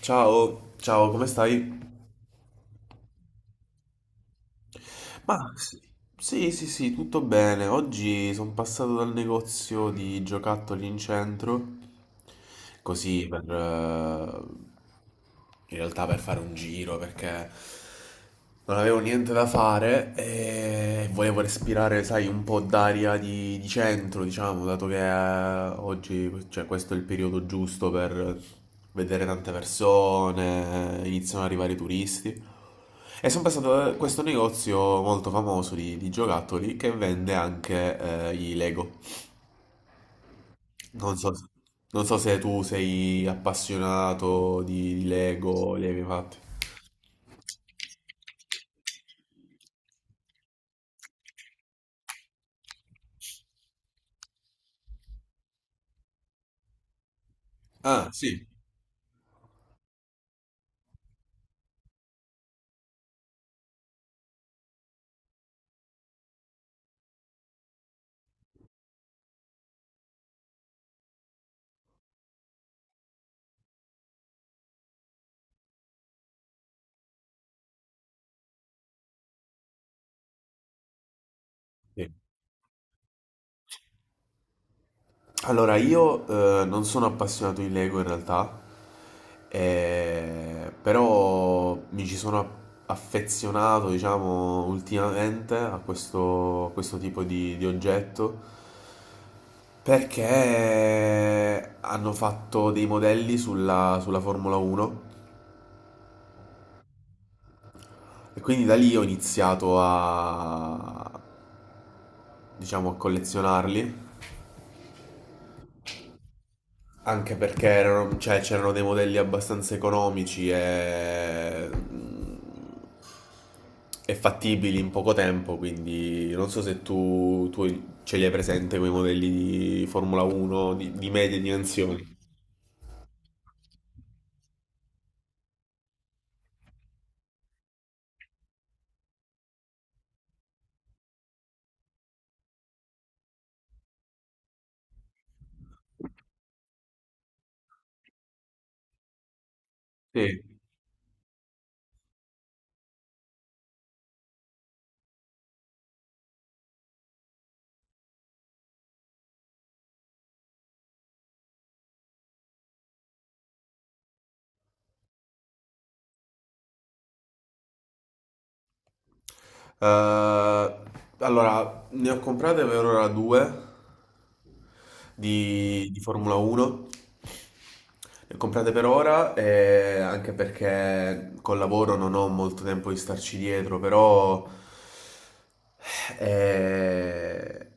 Ciao, ciao, come stai? Ma sì, sì, tutto bene. Oggi sono passato dal negozio di giocattoli in centro, così per, in realtà per fare un giro perché non avevo niente da fare e volevo respirare, sai, un po' d'aria di centro, diciamo, dato che oggi, cioè, questo è il periodo giusto per vedere tante persone, iniziano ad arrivare i turisti. E sono passato da questo negozio molto famoso di giocattoli che vende anche i Lego. Non so, non so se tu sei appassionato di Lego, li hai mai fatti. Ah, sì. Sì. Allora, io non sono appassionato di Lego in realtà, però mi ci sono a- affezionato, diciamo, ultimamente a questo tipo di oggetto perché hanno fatto dei modelli sulla, sulla Formula 1, e quindi da lì ho iniziato a, diciamo, a collezionarli. Anche perché erano, cioè, c'erano dei modelli abbastanza economici e fattibili in poco tempo, quindi non so se tu ce li hai presente quei modelli di Formula 1 di medie dimensioni. Sì. Allora, ne ho comprate per ora due di Formula 1. Ne ho comprate per ora, anche perché col lavoro non ho molto tempo di starci dietro, però eh,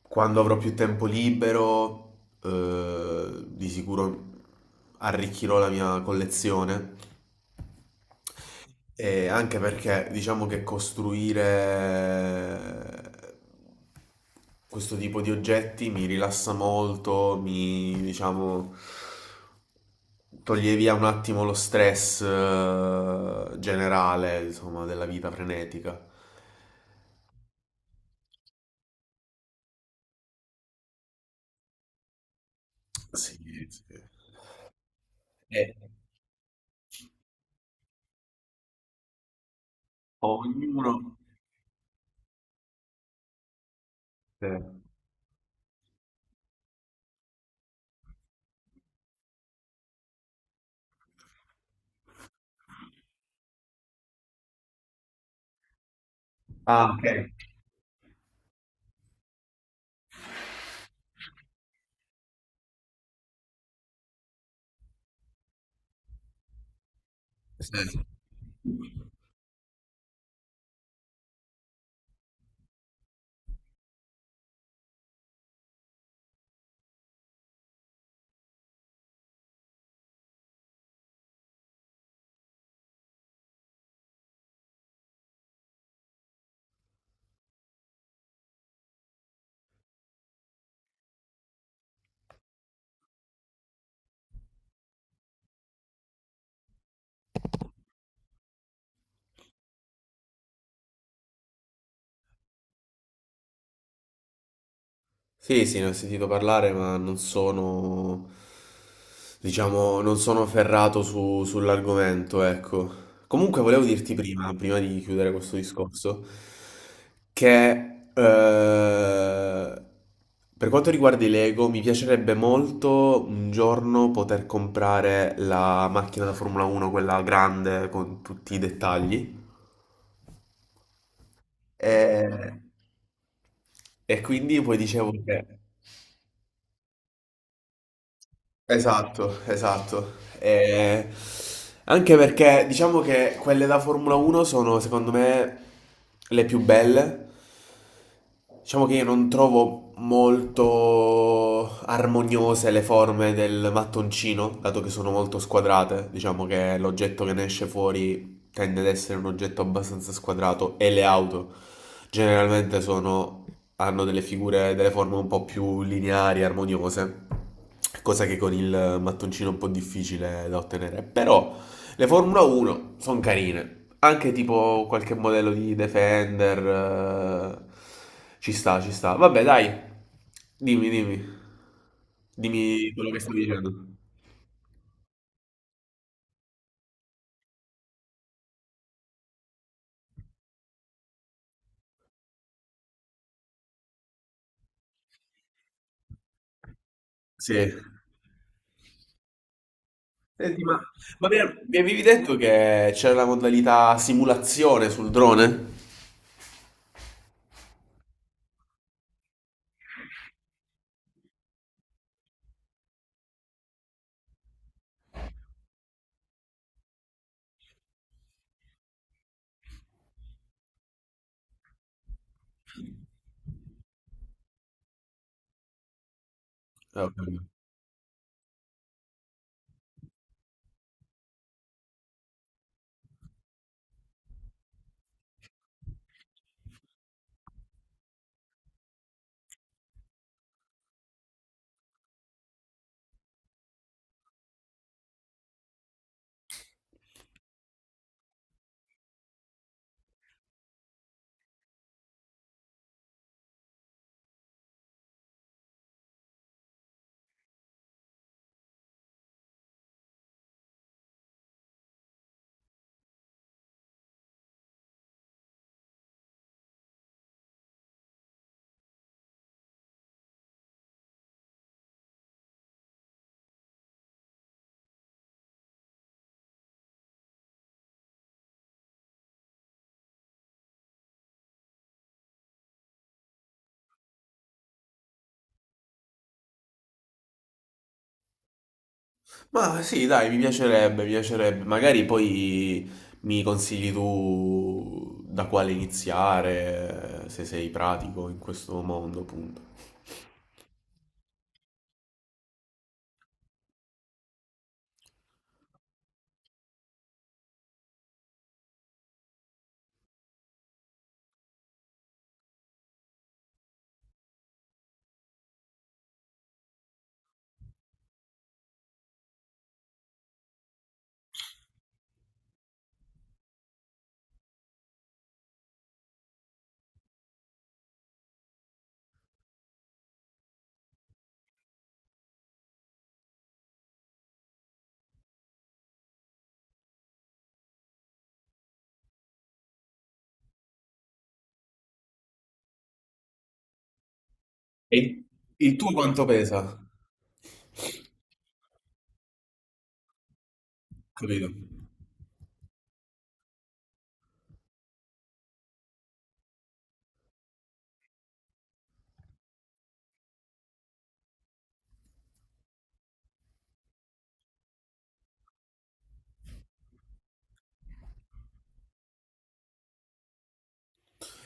quando avrò più tempo libero, di sicuro arricchirò la mia collezione, e anche perché diciamo che costruire eh, questo tipo di oggetti mi rilassa molto, mi diciamo toglie via un attimo lo stress generale, insomma, della vita frenetica. Sì, sì. E ognuno... Sì. Ah, ok. Sì. Sì, sì, ne ho sentito parlare, ma non sono, diciamo, non sono ferrato sull'argomento, ecco. Comunque volevo dirti prima, prima di chiudere questo discorso, che eh, per quanto riguarda i Lego, mi piacerebbe molto un giorno poter comprare la macchina da Formula 1, quella grande con tutti i dettagli. E, e quindi poi dicevo che... Esatto, esatto. E anche perché diciamo che quelle da Formula 1 sono secondo me le più belle. Diciamo che io non trovo molto armoniose le forme del mattoncino, dato che sono molto squadrate. Diciamo che l'oggetto che ne esce fuori tende ad essere un oggetto abbastanza squadrato e le auto generalmente sono, hanno delle figure, delle forme un po' più lineari, armoniose, cosa che con il mattoncino è un po' difficile da ottenere. Però le Formula 1 sono carine, anche tipo qualche modello di Defender, ci sta, ci sta. Vabbè, dai, dimmi, dimmi, dimmi quello che stavi dicendo. Sì. Senti, ma mi avevi detto che c'era la modalità simulazione sul drone? Ho capito. Ma sì, dai, mi piacerebbe, mi piacerebbe. Magari poi mi consigli tu da quale iniziare, se sei pratico in questo mondo, appunto. E il tuo quanto pesa? Capito?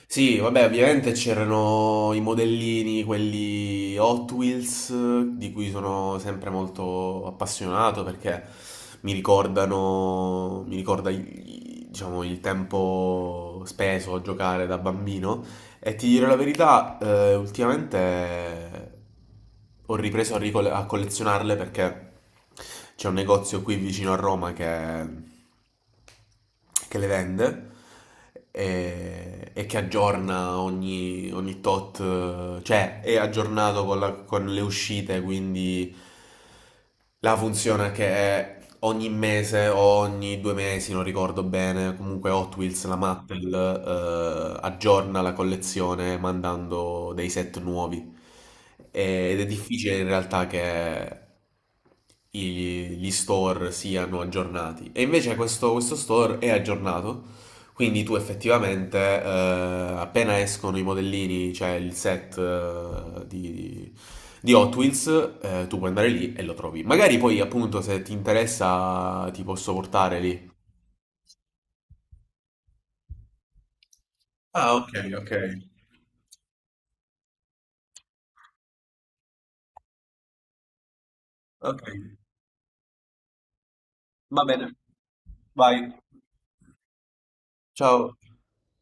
Sì, vabbè, ovviamente c'erano i modellini, quelli Hot Wheels, di cui sono sempre molto appassionato perché mi ricordano, mi ricorda, diciamo, il tempo speso a giocare da bambino. E ti dirò la verità, ultimamente ho ripreso a, a collezionarle perché c'è un negozio qui vicino a Roma che le vende e che aggiorna ogni, ogni tot, cioè è aggiornato con le uscite, quindi la funzione che è ogni mese o ogni due mesi, non ricordo bene, comunque Hot Wheels, la Mattel, aggiorna la collezione mandando dei set nuovi. Ed è difficile in realtà che gli store siano aggiornati. E invece questo, questo store è aggiornato, quindi tu effettivamente, appena escono i modellini, cioè il set di Hot Wheels, tu puoi andare lì e lo trovi. Magari poi, appunto, se ti interessa, ti posso portare lì. Ah, ok, ok. Ok, va bene. Vai. Ciao.